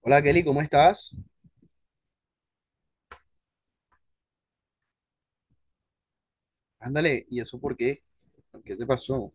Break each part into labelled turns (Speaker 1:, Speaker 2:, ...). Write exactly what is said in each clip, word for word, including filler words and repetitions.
Speaker 1: Hola Kelly, ¿cómo estás? Ándale, ¿y eso por qué? ¿Qué te pasó?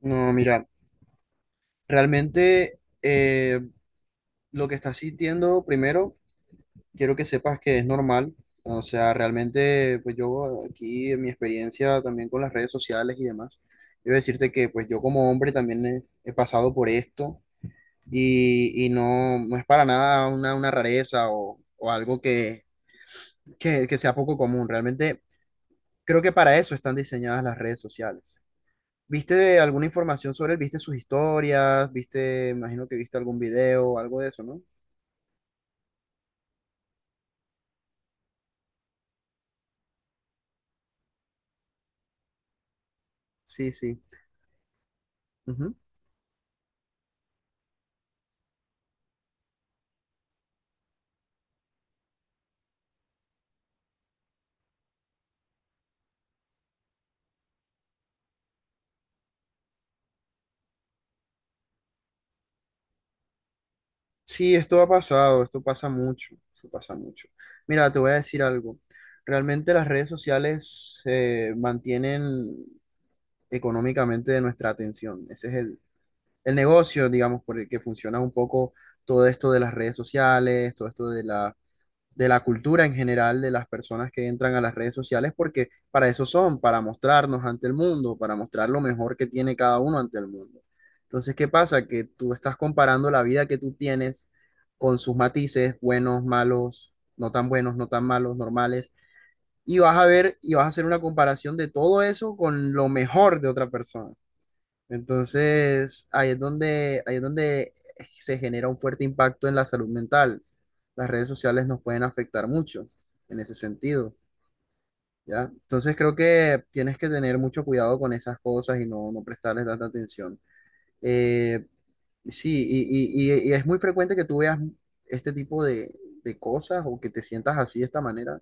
Speaker 1: No, mira, realmente eh, lo que estás sintiendo, primero, quiero que sepas que es normal. O sea, realmente, pues yo aquí en mi experiencia también con las redes sociales y demás, quiero decirte que pues yo como hombre también he, he pasado por esto y, y no, no es para nada una, una rareza o, o algo que, que que sea poco común. Realmente creo que para eso están diseñadas las redes sociales. ¿Viste alguna información sobre él? ¿Viste sus historias? ¿Viste, imagino que viste algún video, algo de eso, ¿no? Sí, sí. Ujú. Sí, esto ha pasado, esto pasa mucho, esto pasa mucho. Mira, te voy a decir algo. Realmente las redes sociales eh, mantienen económicamente de nuestra atención. Ese es el, el negocio, digamos, por el que funciona un poco todo esto de las redes sociales, todo esto de la de la cultura en general de las personas que entran a las redes sociales, porque para eso son, para mostrarnos ante el mundo, para mostrar lo mejor que tiene cada uno ante el mundo. Entonces, ¿qué pasa? Que tú estás comparando la vida que tú tienes con sus matices, buenos, malos, no tan buenos, no tan malos, normales, y vas a ver y vas a hacer una comparación de todo eso con lo mejor de otra persona. Entonces, ahí es donde, ahí es donde se genera un fuerte impacto en la salud mental. Las redes sociales nos pueden afectar mucho en ese sentido, ¿ya? Entonces, creo que tienes que tener mucho cuidado con esas cosas y no, no prestarles tanta atención. Eh, sí, y, y- y- y es muy frecuente que tú veas este tipo de, de cosas o que te sientas así de esta manera.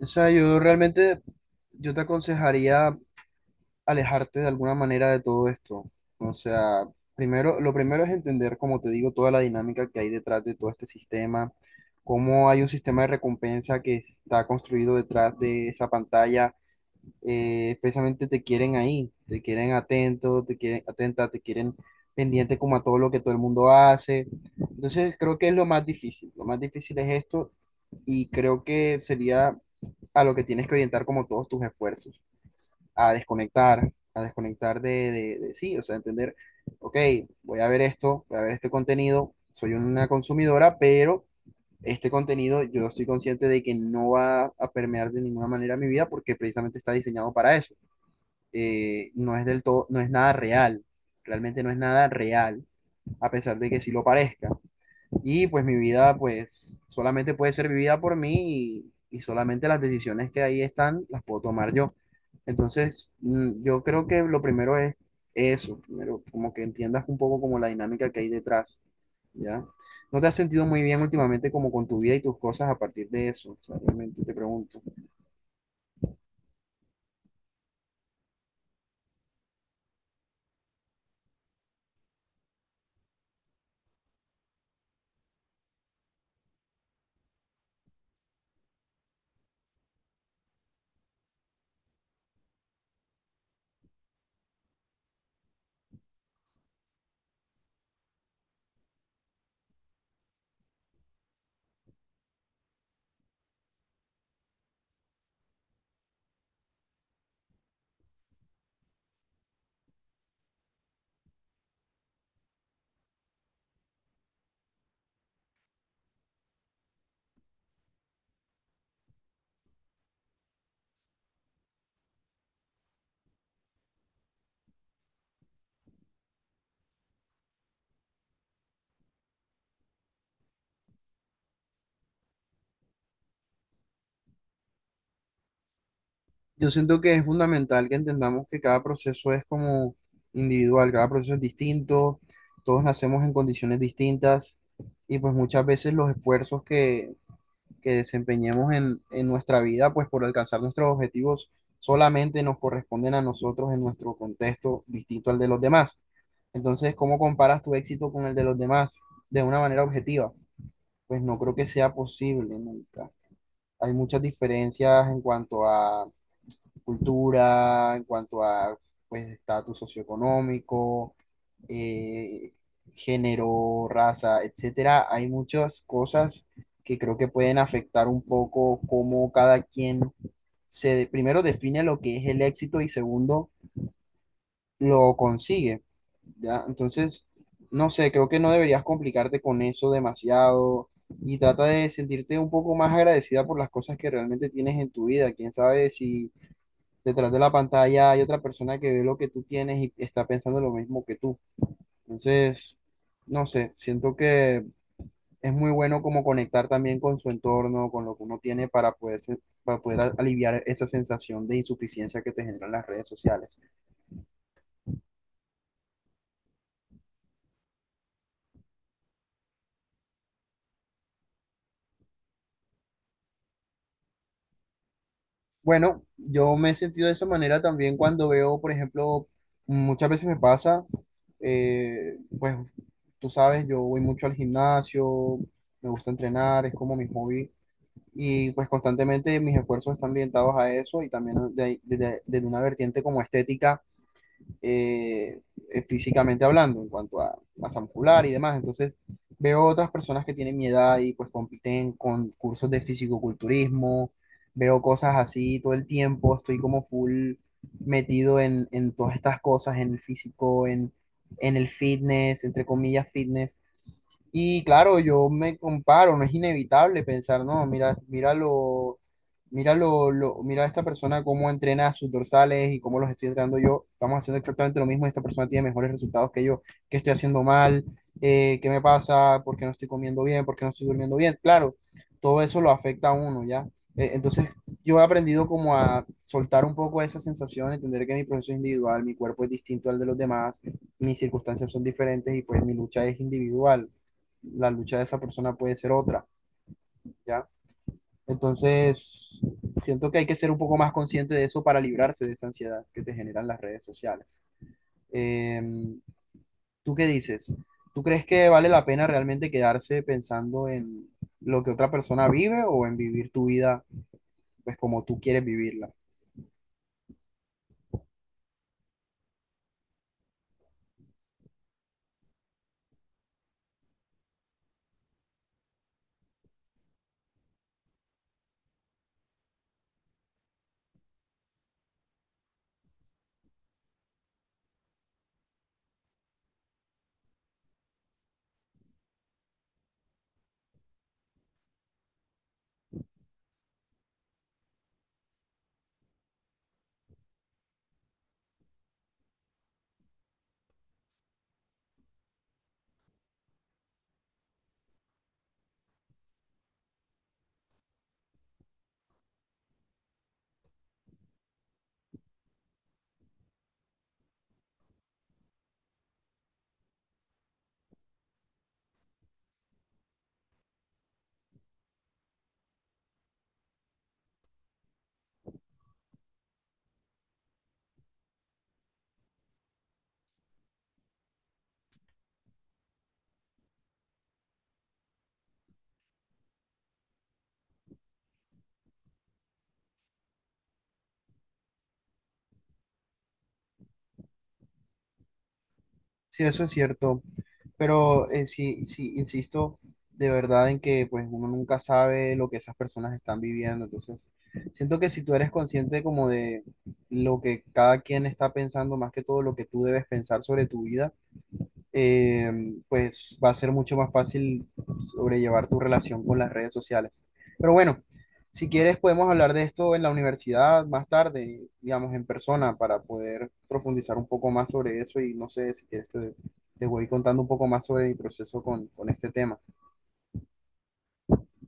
Speaker 1: O sea, yo realmente, yo te aconsejaría alejarte de alguna manera de todo esto. O sea, primero, lo primero es entender, como te digo, toda la dinámica que hay detrás de todo este sistema, cómo hay un sistema de recompensa que está construido detrás de esa pantalla. Eh, precisamente te quieren ahí, te quieren atento, te quieren atenta, te quieren pendiente como a todo lo que todo el mundo hace. Entonces, creo que es lo más difícil. Lo más difícil es esto y creo que sería a lo que tienes que orientar como todos tus esfuerzos a desconectar, a desconectar de, de- de- sí, o sea, entender, ok, voy a ver esto, voy a ver este contenido, soy una consumidora, pero este contenido yo estoy consciente de que no va a permear de ninguna manera mi vida porque precisamente está diseñado para eso. Eh, no es del todo, no es nada real, realmente no es nada real, a pesar de que sí lo parezca. Y pues mi vida, pues solamente puede ser vivida por mí y, y solamente las decisiones que ahí están las puedo tomar yo. Entonces, mm, yo creo que lo primero es eso, primero como que entiendas un poco como la dinámica que hay detrás, ¿ya? ¿No te has sentido muy bien últimamente como con tu vida y tus cosas a partir de eso? O sea, realmente te pregunto. Yo siento que es fundamental que entendamos que cada proceso es como individual, cada proceso es distinto, todos nacemos en condiciones distintas y pues muchas veces los esfuerzos que, que desempeñemos en, en nuestra vida, pues por alcanzar nuestros objetivos solamente nos corresponden a nosotros en nuestro contexto distinto al de los demás. Entonces, ¿cómo comparas tu éxito con el de los demás de una manera objetiva? Pues no creo que sea posible nunca. Hay muchas diferencias en cuanto a cultura, en cuanto a pues estatus socioeconómico, eh, género, raza, etcétera. Hay muchas cosas que creo que pueden afectar un poco cómo cada quien se de- primero define lo que es el éxito y segundo lo consigue, ¿ya? Entonces, no sé, creo que no deberías complicarte con eso demasiado y trata de sentirte un poco más agradecida por las cosas que realmente tienes en tu vida. Quién sabe si detrás de la pantalla hay otra persona que ve lo que tú tienes y está pensando lo mismo que tú. Entonces, no sé, siento que es muy bueno como conectar también con su entorno, con lo que uno tiene para poder, se- para poder a- aliviar esa sensación de insuficiencia que te generan las redes sociales. Bueno, yo me he sentido de esa manera también cuando veo, por ejemplo, muchas veces me pasa, eh, pues tú sabes, yo voy mucho al gimnasio, me gusta entrenar, es como mi hobby y pues constantemente mis esfuerzos están orientados a eso y también desde de, de- de una vertiente como estética eh, eh, físicamente hablando, en cuanto a masa muscular y demás. Entonces, veo otras personas que tienen mi edad y pues compiten en concursos de fisicoculturismo, veo cosas así todo el tiempo, estoy como full metido en, en todas estas cosas, en el físico, en, en el fitness, entre comillas, fitness. Y claro, yo me comparo, no es inevitable pensar, no, mira, mira lo, Mira, lo, lo, mira a esta persona cómo entrena sus dorsales y cómo los estoy entrenando yo. Estamos haciendo exactamente lo mismo. Esta persona tiene mejores resultados que yo. ¿Qué estoy haciendo mal? Eh, ¿qué me pasa? ¿Por qué no estoy comiendo bien? ¿Por qué no estoy durmiendo bien? Claro, todo eso lo afecta a uno, ¿ya? Eh, entonces, yo he aprendido como a soltar un poco esa sensación, entender que mi proceso es individual, mi cuerpo es distinto al de los demás, mis circunstancias son diferentes y pues mi lucha es individual. La lucha de esa persona puede ser otra, ¿ya? Entonces, siento que hay que ser un poco más consciente de eso para librarse de esa ansiedad que te generan las redes sociales. Em, ¿Tú qué dices? ¿Tú crees que vale la pena realmente quedarse pensando en lo que otra persona vive o en vivir tu vida pues como tú quieres vivirla? Sí, eso es cierto, pero eh, sí, sí, insisto de verdad en que pues uno nunca sabe lo que esas personas están viviendo, entonces siento que si tú eres consciente como de lo que cada quien está pensando, más que todo lo que tú debes pensar sobre tu vida, eh, pues va a ser mucho más fácil sobrellevar tu relación con las redes sociales. Pero bueno, si quieres podemos hablar de esto en la universidad más tarde, digamos en persona, para poder profundizar un poco más sobre eso y no sé si quieres te, te voy contando un poco más sobre mi proceso con, con este tema.